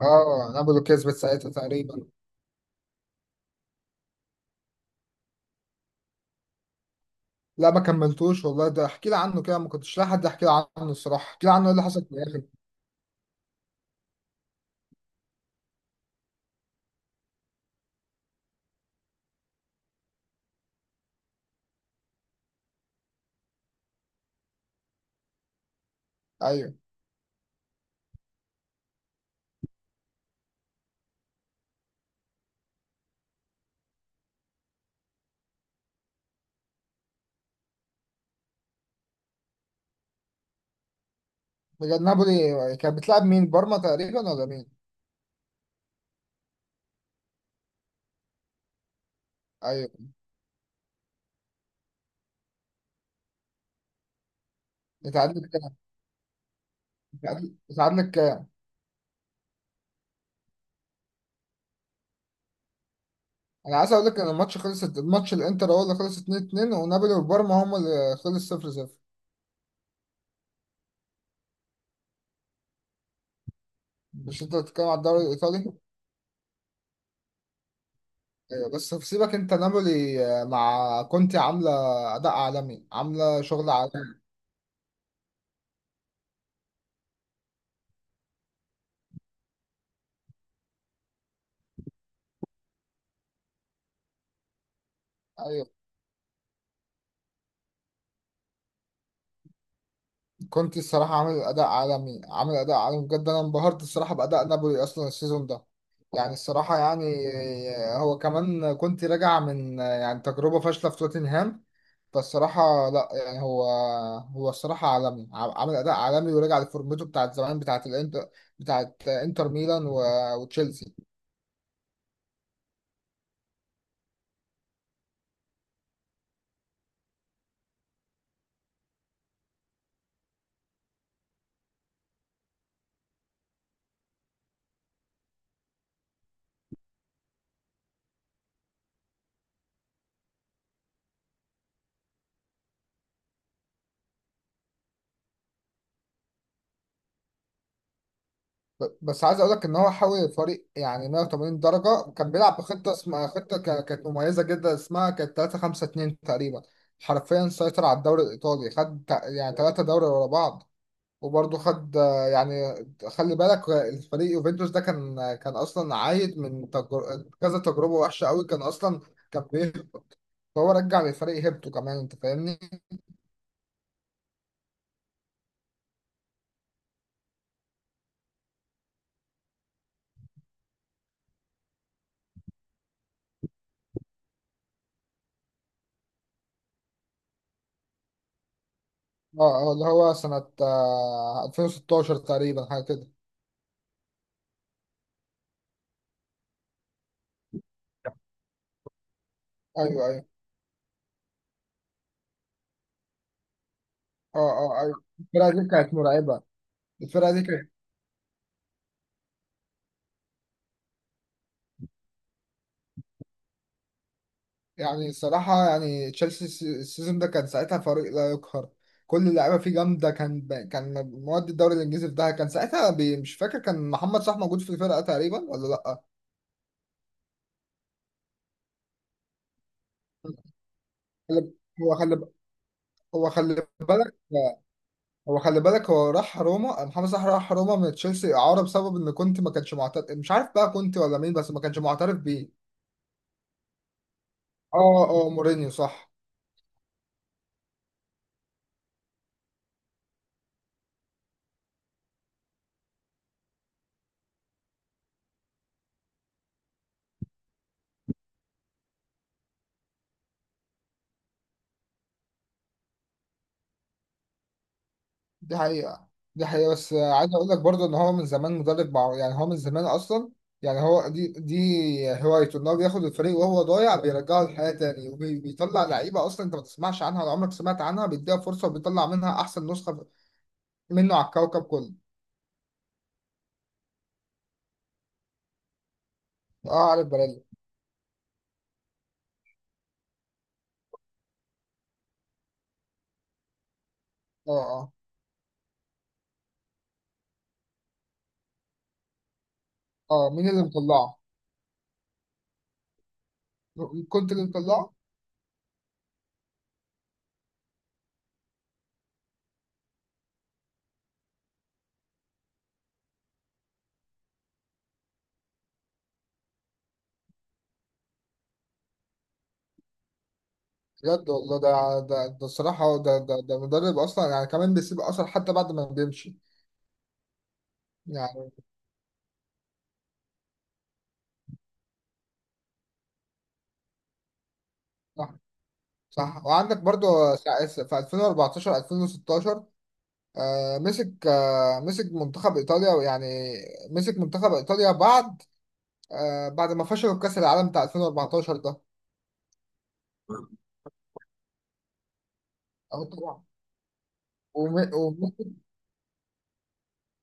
اه نابولو كسبت ساعتها تقريبا. لا، ما كملتوش والله. ده احكي لي عنه كده، ما كنتش لاقي حد يحكي لي عنه الصراحه. احكي لي عنه، ايه اللي حصل في الاخر؟ ايوه. بجد؟ نابولي كانت بتلعب مين، بارما تقريبا ولا مين؟ ايوه. اتعادلت كام؟ اتعادلت كام؟ انا عايز اقول لك ان الماتش خلص. الماتش الانتر هو اللي خلص 2-2، ونابولي وبارما هم اللي خلص 0-0. مش انت بتتكلم على الدوري الايطالي؟ ايوه، بس في، سيبك انت، نابولي مع كونتي عامله اداء عالمي، عامله شغل عالمي. كنت الصراحة عامل أداء عالمي، عامل أداء عالمي بجد. أنا انبهرت الصراحة بأداء نابولي أصلا السيزون ده. يعني الصراحة يعني، هو كمان كنت راجع من يعني تجربة فاشلة في توتنهام. فالصراحة لا، يعني هو، هو الصراحة عالمي، عامل أداء عالمي ورجع لفورمته بتاعت زمان بتاعت الانتر، بتاعت انتر ميلان وتشيلسي. بس عايز اقول لك ان هو حول الفريق يعني 180 درجه. كان بيلعب بخطه اسمها خطه كانت مميزه جدا، اسمها كانت 3-5-2 تقريبا. حرفيا سيطر على الدوري الايطالي، خد يعني 3 دوري ورا بعض، وبرضه خد يعني، خلي بالك الفريق يوفنتوس ده كان اصلا عايد من كذا تجربه وحشه قوي، كان اصلا كان بيهبط. فهو رجع للفريق هيبته كمان، انت فاهمني؟ اه، اللي هو سنه 2016 تقريبا حاجه كده. ايوه، ايوه. اه، اه، ايوه. الفرقه دي كانت مرعبه. الفرقه دي كانت، يعني الصراحه يعني تشيلسي، السيزون ده كان ساعتها فريق لا يقهر. كل اللعيبه فيه جامده. كان مواد الدوري الانجليزي في ده. كان ساعتها مش فاكر كان محمد صلاح موجود في الفرقه تقريبا ولا لا. خلي- هو خلي هو خلي بالك هو راح روما، محمد صلاح راح روما من تشيلسي اعاره بسبب ان كنت ما كانش معترف. مش عارف بقى كنت ولا مين، بس ما كانش معترف بيه. اه، اه، مورينيو صح. دي حقيقة، دي حقيقة. بس عايز أقول لك برضه إن هو من زمان مدرب، مع يعني هو من زمان أصلا. يعني هو دي هوايته إن هو بياخد الفريق وهو ضايع بيرجعه للحياة تاني، وبيطلع لعيبة أصلا أنت ما تسمعش عنها ولا عمرك سمعت عنها، بيديها فرصة وبيطلع منها أحسن نسخة منه على الكوكب كله. أه، عارف باريلا. أه، أه. أه، مين اللي مطلعه؟ كنت اللي مطلعه؟ بجد والله، ده الصراحة ده مدرب أصلا يعني كمان بيسيب أثر حتى بعد ما بيمشي. يعني، صح. وعندك برضو في 2014 2016، مسك منتخب ايطاليا يعني. مسك منتخب ايطاليا بعد بعد ما فشلوا في كاس العالم بتاع 2014 ده. أهو طبعا. ومسك،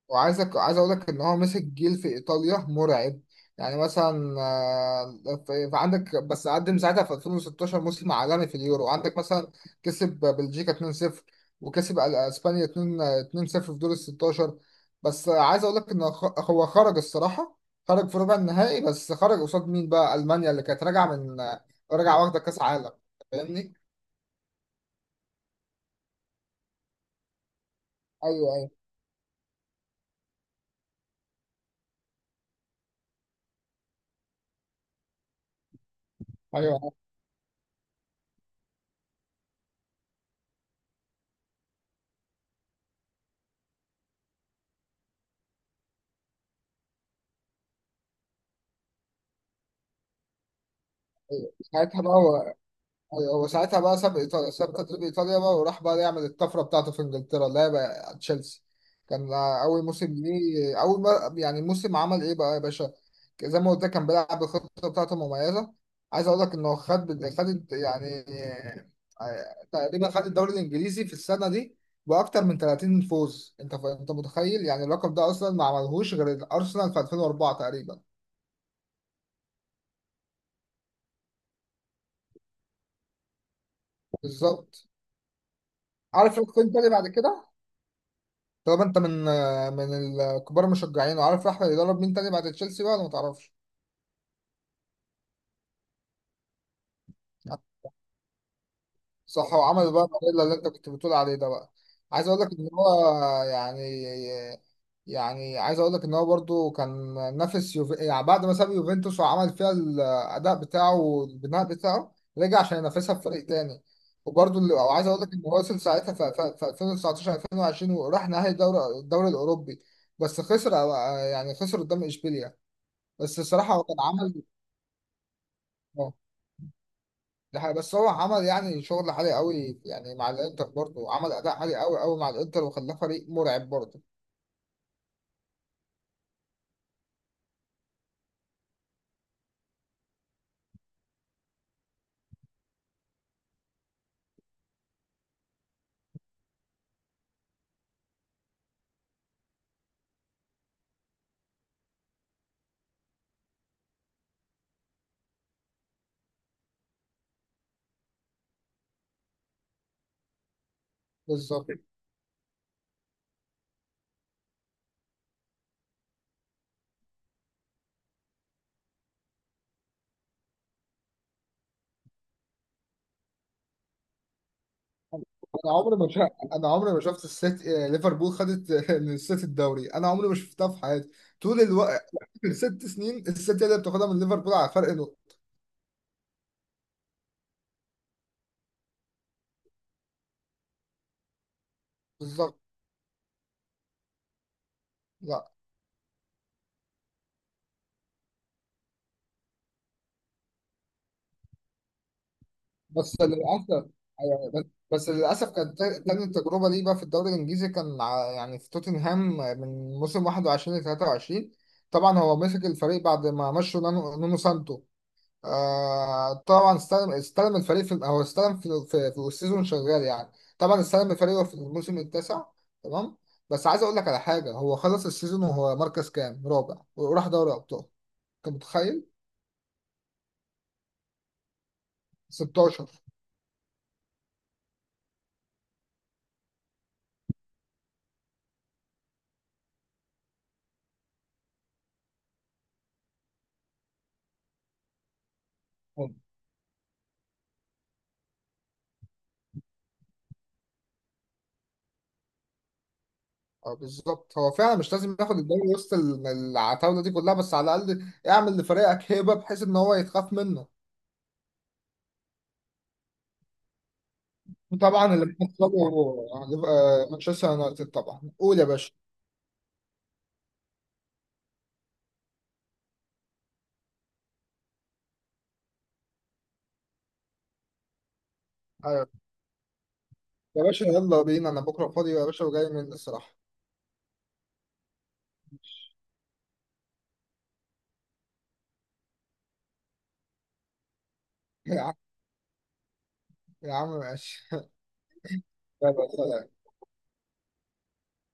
عايز اقول لك ان هو مسك جيل في ايطاليا مرعب. يعني مثلا في عندك بس قدم ساعتها في 2016 موسم عالمي في اليورو، عندك مثلا كسب بلجيكا 2-0، وكسب اسبانيا 2 2-0 في دور ال 16. بس عايز اقول لك ان هو خرج الصراحه، خرج في ربع النهائي، بس خرج قصاد مين بقى؟ المانيا اللي كانت راجعه من راجعه واخده كاس عالم، فاهمني؟ ايوه، ايوه، ايوه. ساعتها بقى، هو ساعتها بقى ساب ايطاليا، ساب تدريب ايطاليا بقى، وراح بقى يعمل الطفره بتاعته في انجلترا اللي هي بقى تشيلسي. كان اول موسم ليه، اول ما يعني موسم، عمل ايه بقى يا باشا؟ زي ما قلت لك كان بيلعب الخطه بتاعته مميزه. عايز اقول لك انه خد يعني تقريبا خد الدوري الانجليزي في السنه دي باكتر من 30 فوز. انت متخيل يعني؟ اللقب ده اصلا ما عملهوش غير الارسنال في 2004 تقريبا. بالظبط. عارف القيم تاني بعد كده. طب انت من الكبار المشجعين، وعارف احمد يدرب مين تاني بعد تشيلسي بقى ولا ما تعرفش؟ صح. وعمل بقى الفانيلا اللي انت كنت بتقول عليه ده بقى. عايز اقول لك ان هو يعني يعني عايز اقول لك ان هو برضو كان نافس يعني بعد ما ساب يوفنتوس وعمل فيها الاداء بتاعه والبناء بتاعه، رجع عشان ينافسها في فريق تاني. وبرضو وعايز اقول لك ان هو وصل ساعتها في 2019 2020، وراح نهائي الدوري الاوروبي. بس خسر، يعني خسر قدام اشبيليا. بس الصراحة هو كان عمل. اه. ده حقيقة. بس هو عمل يعني شغل عالي قوي، يعني مع الانتر برضه عمل اداء عالي قوي قوي مع الانتر وخلاه فريق مرعب برضه. بالظبط. انا عمري ما شا... انا عمري ما شفت السيت آه، ليفربول خدت من السيتي الدوري. انا عمري ما شفتها في حياتي طول الوقت. الست سنين السيتي هي اللي بتاخدها من ليفربول على فرق نقطة. بالظبط. لا. بس للأسف. أيوة، بس للأسف كانت تاني تجربة ليه بقى في الدوري الإنجليزي، كان يعني في توتنهام من موسم 21 ل 23. طبعا هو مسك الفريق بعد ما مشوا نونو سانتو. آه طبعا، استلم الفريق في، هو استلم في في السيزون شغال يعني. طبعا استلم الفريق في الموسم التاسع. تمام. بس عايز أقول لك على حاجة، هو خلص السيزون وهو مركز كام؟ رابع، وراح دوري أبطال. أنت متخيل؟ 16. اه، بالظبط. هو فعلا مش لازم ياخد الدوري وسط العتاوله دي كلها، بس على الاقل اعمل لفريقك هيبه بحيث ان هو يتخاف منه. وطبعا اللي بنكسبه هيبقى مانشستر يونايتد طبعا. قول يا باشا. ايوه، يا باشا، يلا بينا. انا بكره فاضي يا باشا، وجاي من الصراحه. يا عم. يا عم ماشي. يلا، سلام.